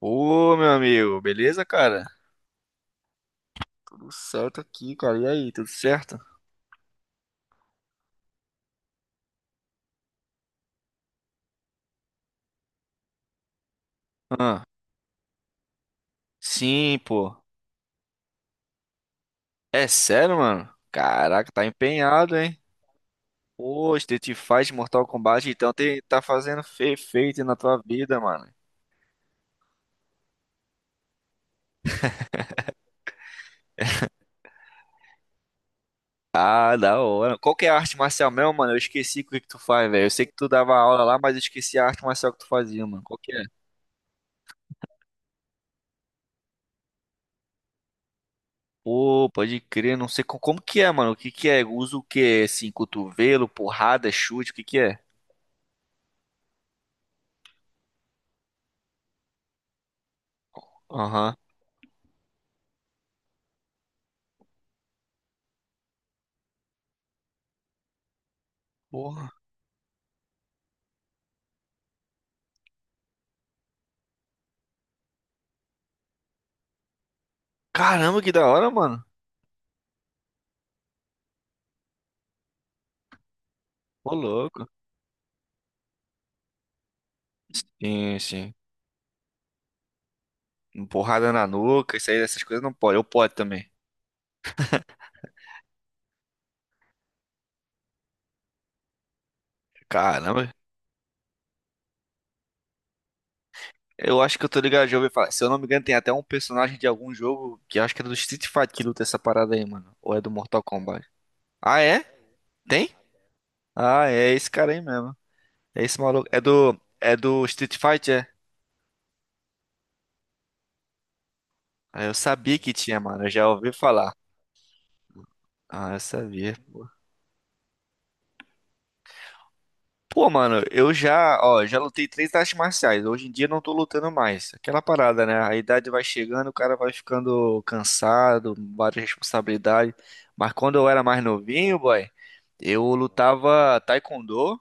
Ô, meu amigo, beleza, cara? Tudo certo aqui, cara. E aí, tudo certo? Ah, sim, pô. É sério, mano? Caraca, tá empenhado, hein? Pô, Street Fighter, Mortal Kombat, então tem, tá fazendo feito na tua vida, mano. Ah, da hora. Qual que é a arte marcial mesmo, mano? Eu esqueci o que que tu faz, velho. Eu sei que tu dava aula lá, mas eu esqueci a arte marcial que tu fazia, mano. Qual que é? Pô, pode crer, não sei como, que é, mano. O que que é? Usa o quê? Assim, cotovelo, porrada, chute, o que que é? Aham. Porra. Caramba, que da hora, mano. Ô, louco. Sim, sim. Porrada na nuca, isso aí, essas coisas não pode. Eu pode também. Caramba. Eu acho que eu tô ligado, já ouvi falar. Se eu não me engano, tem até um personagem de algum jogo que eu acho que era do Street Fighter que luta essa parada aí, mano. Ou é do Mortal Kombat? Ah, é? Tem? Ah, é esse cara aí mesmo. É esse maluco. É do Street Fighter, é? Ah, eu sabia que tinha, mano. Eu já ouvi falar. Ah, eu sabia. Pô, mano, eu já, ó, já lutei três artes marciais. Hoje em dia não tô lutando mais. Aquela parada, né? A idade vai chegando, o cara vai ficando cansado, várias responsabilidades. Mas quando eu era mais novinho, boy, eu lutava taekwondo,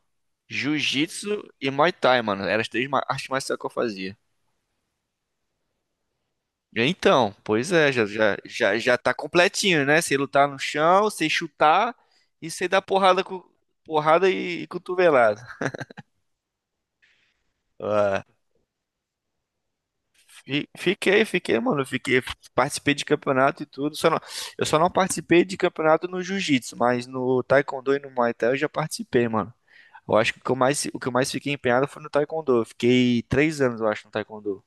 jiu-jitsu e muay thai, mano. Eram as três artes marciais que eu fazia. Então, pois é, já tá completinho, né? Sei lutar no chão, sei chutar e sei dar porrada, com, porrada e cotovelada. Fiquei, mano. Fiquei, participei de campeonato e tudo. Só não, eu só não participei de campeonato no jiu-jitsu, mas no taekwondo e no muay thai eu já participei, mano. Eu acho que o que eu mais fiquei empenhado foi no taekwondo. Eu fiquei três anos, eu acho, no taekwondo.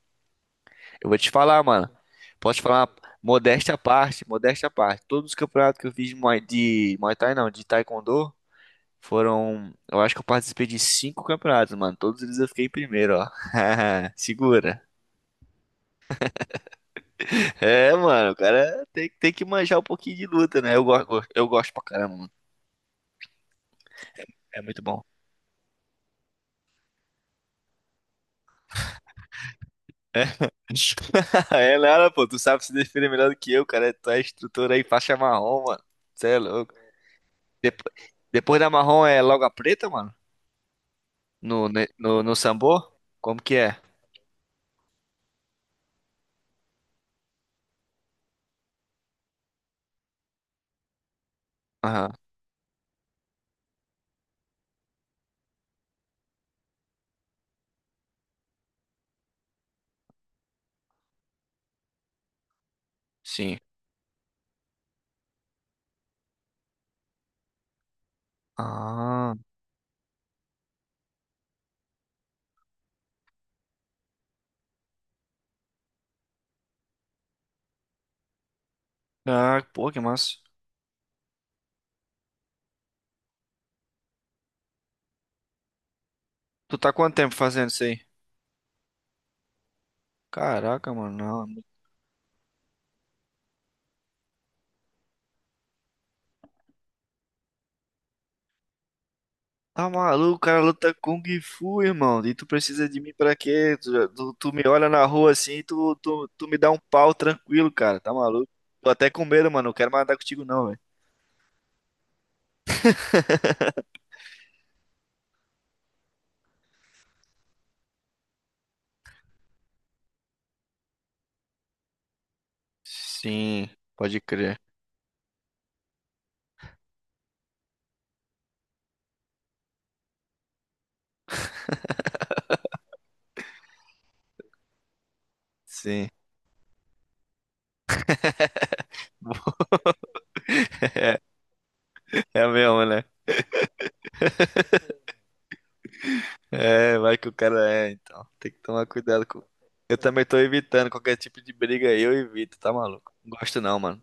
Eu vou te falar, mano. Posso te falar, modéstia à parte. Todos os campeonatos que eu fiz de muay thai, não, de taekwondo, foram. Eu acho que eu participei de cinco campeonatos, mano. Todos eles eu fiquei em primeiro, ó. Segura. É, mano, o cara tem que manjar um pouquinho de luta, né? Eu gosto pra caramba, mano. É muito bom. É, Lara, pô, tu sabe se defender melhor do que eu, cara. Tu é instrutor aí, faixa marrom, mano. Você é louco. Depo- Depois da marrom é logo a preta, mano? No sambô? Como que é? Aham, sim. Ah, ah, pô, que massa. Tu tá quanto tempo fazendo isso aí? Caraca, mano, não. Tá maluco, o cara luta Kung Fu, irmão. E tu precisa de mim pra quê? Tu me olha na rua assim, e tu me dá um pau tranquilo, cara. Tá maluco? Tô até com medo, mano. Não quero mais andar contigo, não, velho. Sim, pode crer. Sim. É mesmo, né? É, vai que o cara é, então. Tem que tomar cuidado com. Eu também tô evitando qualquer tipo de briga aí, eu evito, tá maluco? Não gosto não, mano.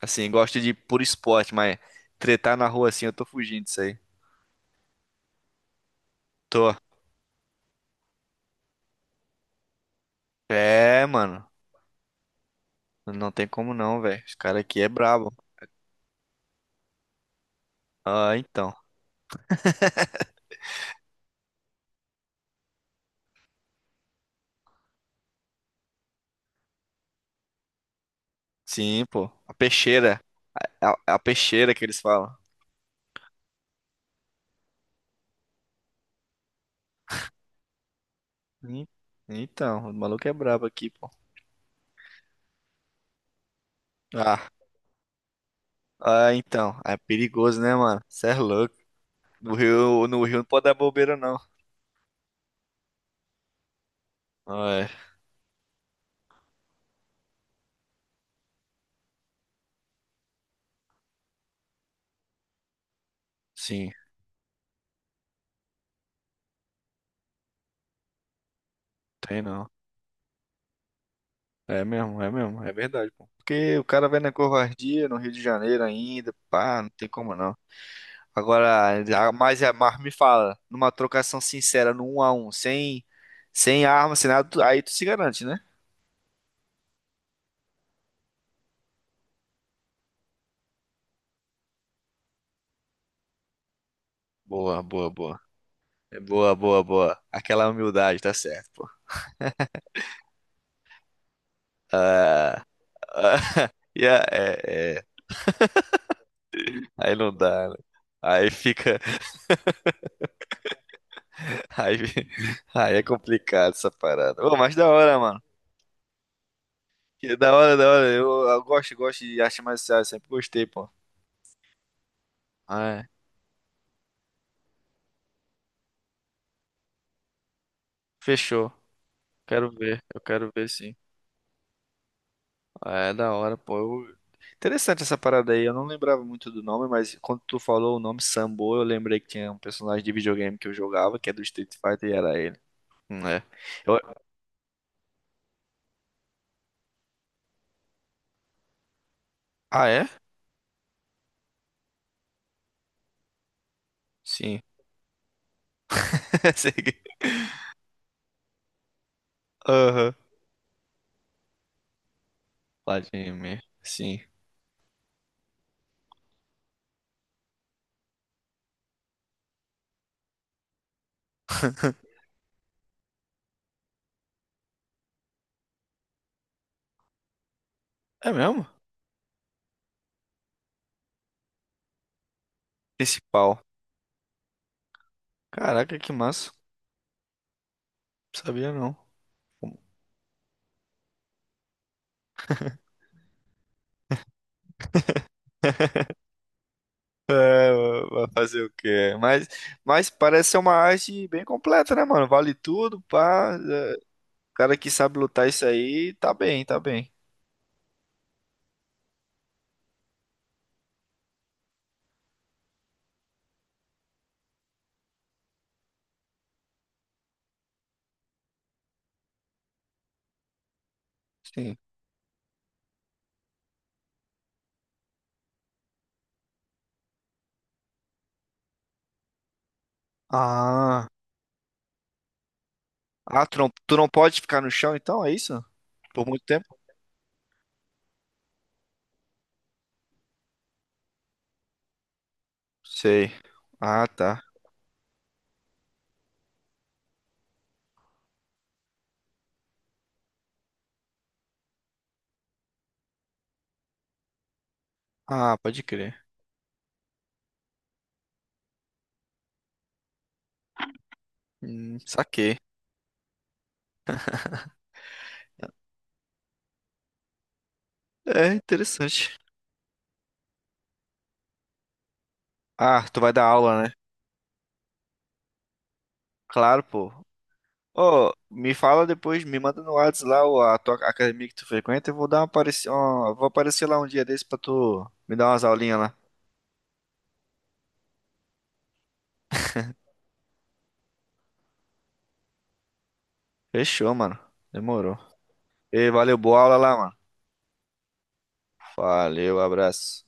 Assim, gosto de por esporte, mas tretar na rua assim, eu tô fugindo disso aí. Tô. É, mano. Não tem como não, velho. Os caras aqui é brabo. Ah, então. Sim, pô. A peixeira. A peixeira que eles falam. Hum. Então, o maluco é brabo aqui, pô. Ah, ah, então. É perigoso, né, mano? Cê é louco. No Rio não pode dar bobeira, não. Ah, é. Sim, tem não. É mesmo. É verdade, pô. Porque o cara vai na covardia no Rio de Janeiro ainda. Pá, não tem como não. Agora, mas, mas me fala, numa trocação sincera, no 1 a um sem, sem arma, sem nada, aí tu se garante, né? Boa, boa, boa. É boa, boa, boa. Aquela humildade, tá certo, pô. Ah, e é, é. Aí não dá, né? Aí fica. Aí, aí é complicado essa parada. Ô, mas da hora, mano. Que da hora, da hora. Eu gosto, gosto de arte marcial, sempre gostei, pô. Ah, é. Fechou. Quero ver, eu quero ver sim. É da hora, pô. Interessante essa parada aí. Eu não lembrava muito do nome, mas quando tu falou o nome Sambo, eu lembrei que tinha um personagem de videogame que eu jogava, que é do Street Fighter, e era ele. Hum. É. Eu- Ah, é? Sim. Segui. Aham. Vladimir. Sim. É mesmo? Principal. Caraca, que massa. Não sabia não. Vai fazer o quê? Mas parece ser uma arte bem completa, né, mano? Vale tudo, pá. É. O cara que sabe lutar isso aí, tá bem, tá bem. Sim. Ah. Ah, tu não pode ficar no chão então, é isso? Por muito tempo? Sei. Ah, tá. Ah, pode crer. Saquei. É interessante. Ah, tu vai dar aula, né? Claro, pô. Ô, me fala depois, me manda no Whats lá a tua academia que tu frequenta, eu vou dar uma apareci... ó, vou aparecer lá um dia desse pra tu me dar umas aulinhas lá. Fechou, mano. Demorou. Ei, valeu, boa aula lá, mano. Valeu, abraço.